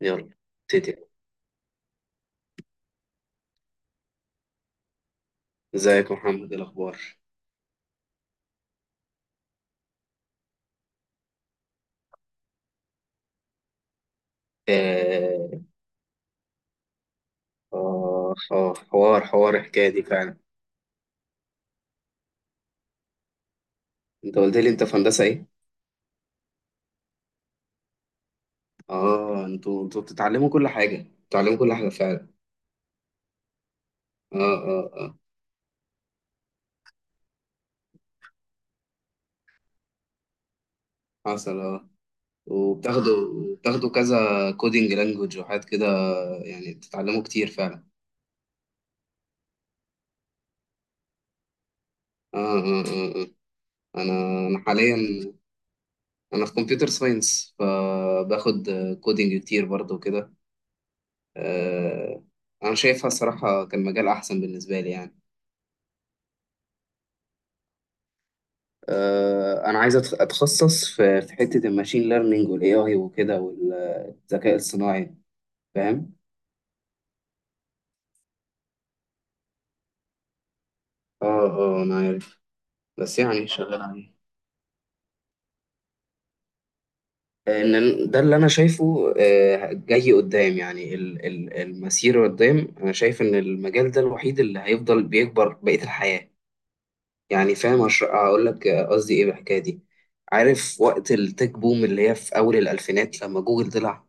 يلا، ابتدي. ازيك يا محمد، إيه الاخبار؟ آه آه آه، حوار الحكاية دي فعلا. أنت قلت لي أنت في هندسة إيه؟ آه، أنتوا بتتعلموا كل حاجة فعلا. آه آه آه، حصل. آه، وبتاخدوا كذا كودينج لانجوج وحاجات كده، يعني بتتعلموا كتير فعلا. آه آه آه آه. أنا أنا حاليا، أنا في كمبيوتر ساينس، فباخد كودينج كتير برضه كده. آه، انا شايفها الصراحه كان مجال احسن بالنسبه لي يعني. انا عايز اتخصص في حته الماشين ليرنينج والاي اي وكده والذكاء الصناعي، فاهم. اه اه، انا عارف، بس يعني شغال عليه. ان ده اللي انا شايفه، جاي قدام، يعني المسير قدام، انا شايف ان المجال ده الوحيد اللي هيفضل بيكبر بقية الحياة. يعني فاهم، هقول لك قصدي ايه بالحكاية دي. عارف وقت التك بوم اللي هي في اول الالفينات، لما جوجل طلع،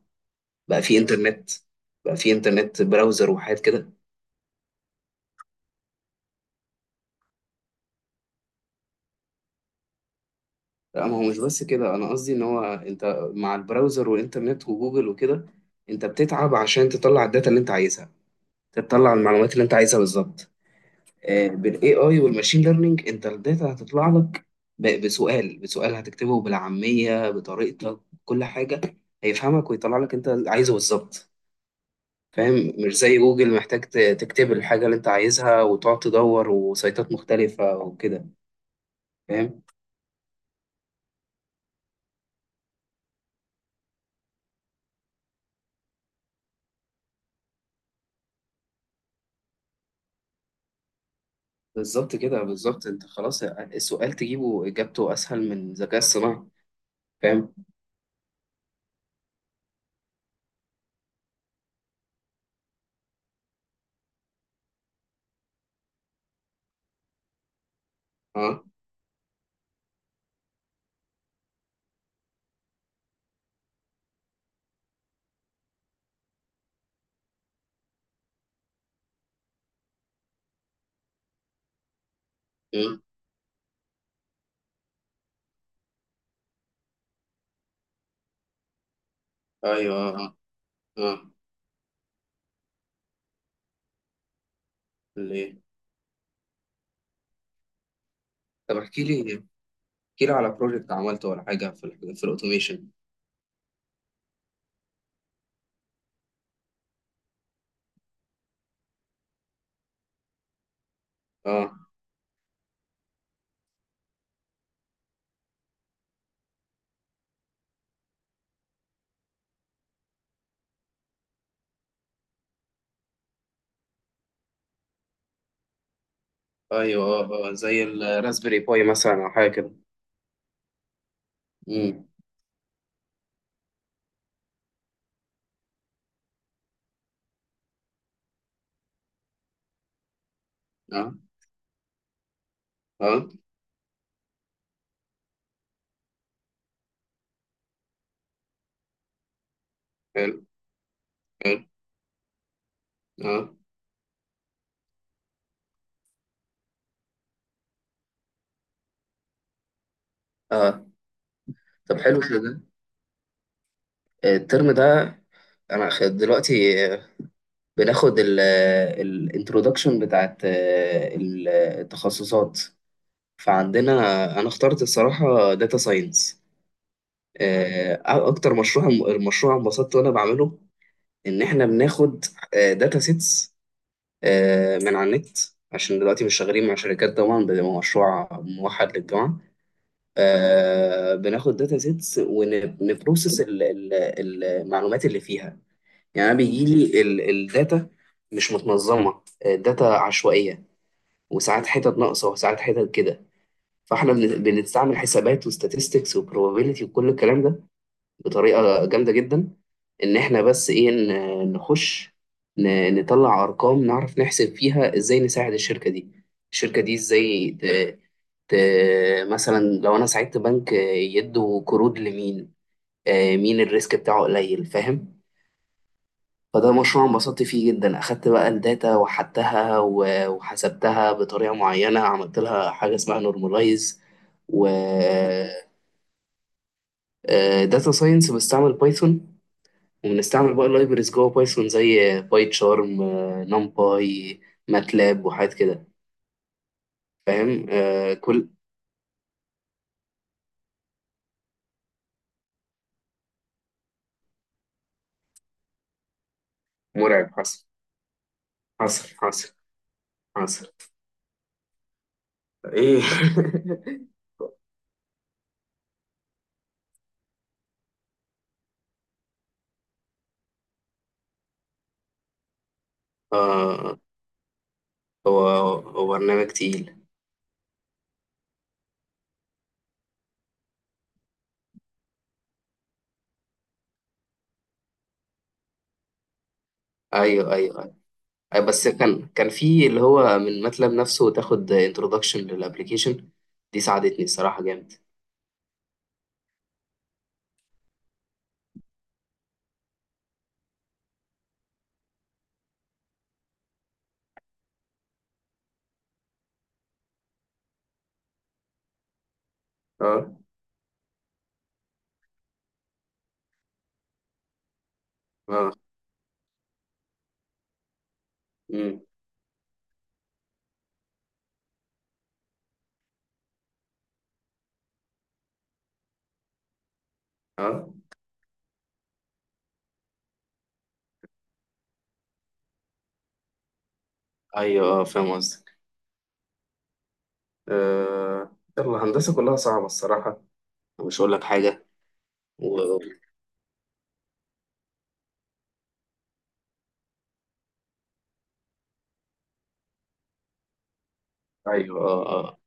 بقى في انترنت، بقى في انترنت براوزر وحاجات كده. لا، ما هو مش بس كده، انا قصدي ان هو انت مع البراوزر والانترنت وجوجل وكده، انت بتتعب عشان تطلع الداتا اللي انت عايزها، تطلع المعلومات اللي انت عايزها بالظبط. بالاي اي والماشين ليرنينج، انت الداتا هتطلع لك بسؤال هتكتبه بالعامية بطريقتك، كل حاجة هيفهمك، ويطلع لك انت اللي عايزه بالظبط. فاهم؟ مش زي جوجل محتاج تكتب الحاجة اللي انت عايزها وتقعد تدور وسيطات مختلفة وكده، فاهم؟ بالظبط كده بالظبط، انت خلاص السؤال تجيبه اجابته اسهل من الذكاء الصناعي. فاهم. اه. امم. ايوه اه اه. آه. ليه؟ طب احكي لي، احكي لي على بروجكت عملته ولا حاجه في في الاوتوميشن. اه ايوه اه اه، زي الراسبيري باي مثلا او حاجه كده. امم. اه اه. حلو. حلو. اه اه. طب حلو كده. الترم ده، انا دلوقتي، آه، بناخد الانترودكشن بتاعت آه، التخصصات. فعندنا، انا اخترت الصراحه داتا ساينس. اكتر مشروع، المشروع انبسطت وانا بعمله، ان احنا بناخد داتا سيتس من على النت، عشان دلوقتي مش شغالين مع شركات طبعا، بيبقى مشروع موحد للجامعه. آه، بناخد داتا سيتس ونبروسس المعلومات اللي فيها. يعني انا بيجي لي الداتا مش متنظمه، آه، داتا عشوائيه، وساعات حتت ناقصه وساعات حتت كده. فاحنا بنستعمل حسابات وستاتستكس وبروبابيليتي وكل الكلام ده بطريقه جامده جدا، ان احنا بس ايه، نخش، نطلع ارقام، نعرف نحسب فيها ازاي نساعد الشركه دي، ازاي ت... مثلا لو انا ساعدت بنك، يدوا قروض لمين، آه، مين الريسك بتاعه قليل، فاهم. فده مشروع انبسطت فيه جدا، اخدت بقى الداتا وحدتها، وحسبتها بطريقه معينه، عملت لها حاجه اسمها نورماليز. داتا ساينس بستعمل بايثون، وبنستعمل بقى لايبرز جوه بايثون زي باي تشارم، نمباي، ماتلاب وحاجات كده. فاهم. آه، كل. مرعب، حصل. حصل حصل. حصل. ايه؟ اه. هو هو برنامج تقيل. ايوه ايوه ايوه. آه، بس كان في اللي هو من ماتلاب نفسه، تاخد انتروداكشن للابلكيشن دي، ساعدتني الصراحه جامد. اه اه. امم. اه ايوه اه، فاهم قصدي. آه، يلا هندسة كلها صعبة الصراحة، مش هقول لك حاجة. و... أيوه آه. آه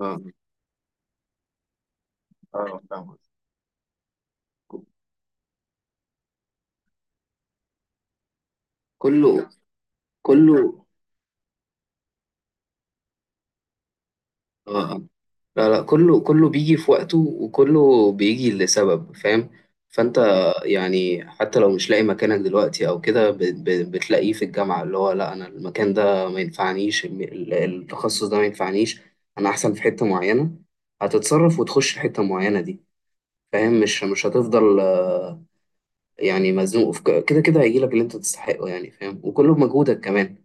آه آه فاهم. كله كله. آه آه. لا لا، كله بيجي في وقته، وكله بيجي لسبب، فاهم. فأنت، يعني حتى لو مش لاقي مكانك دلوقتي أو كده، بتلاقيه في الجامعة، اللي هو لا، أنا المكان ده ما ينفعنيش، التخصص ده ما ينفعنيش. أنا أحسن في حتة معينة، هتتصرف وتخش في حتة معينة دي، فاهم. مش هتفضل يعني مزنوق في كده كده، هيجيلك اللي انت تستحقه يعني، فاهم، وكله بمجهودك كمان.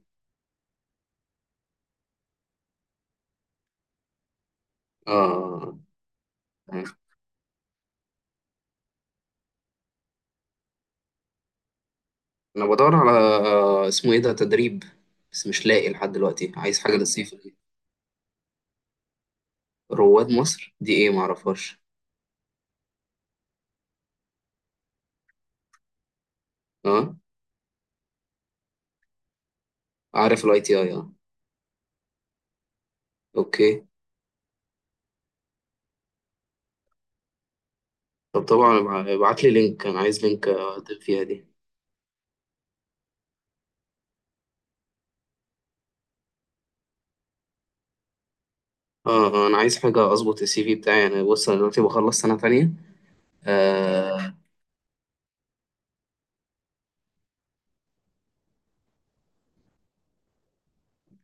اه آه. انا بدور على آه، اسمه ايه ده، تدريب، بس مش لاقي لحد دلوقتي، عايز حاجه للصيف دي. رواد مصر دي ايه؟ معرفهاش. اه عارف الاي تي اي اه. اوكي. طب طبعا ابعت لي لينك، انا عايز لينك اقدم فيها دي. اه. آه، انا عايز حاجه اظبط السي في بتاعي، انا بص، انا دلوقتي بخلص سنه تانية. اه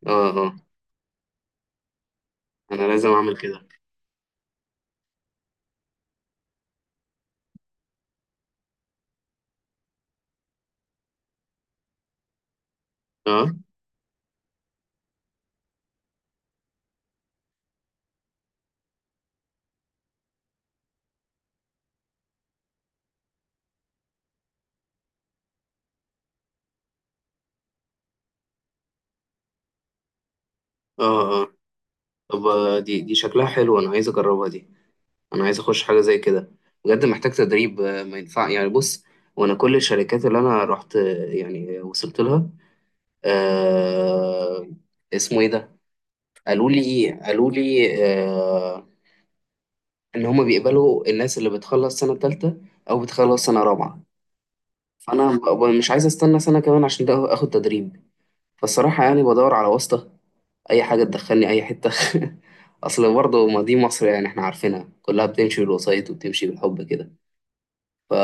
اه آه. انا لازم اعمل كده. اه اه اه. طب آه، دي شكلها حلو، انا عايز اجربها دي، انا عايز اخش حاجه زي كده. بجد محتاج تدريب، آه، ما ينفع يعني، بص. وانا كل الشركات اللي انا رحت آه، يعني وصلت لها آه، اسمه ايه ده، قالوا لي آه، ان هما بيقبلوا الناس اللي بتخلص سنه تالتة او بتخلص سنه رابعه. فانا مش عايز استنى سنه كمان عشان ده اخد تدريب. فالصراحه يعني بدور على واسطه، اي حاجه تدخلني اي حته. اصل برضه، ما دي مصر يعني، احنا عارفينها كلها بتمشي بالوسايط وبتمشي بالحب كده. ف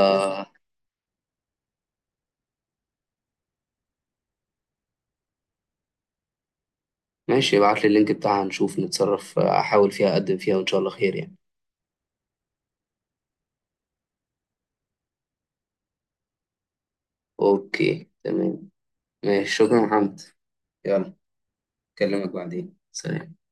ماشي، ابعت لي اللينك بتاعها، نشوف نتصرف، احاول فيها، اقدم فيها، وان شاء الله خير يعني. اوكي تمام. ماشي، شكرا يا محمد. يلا، اكلمك بعدين، سلام.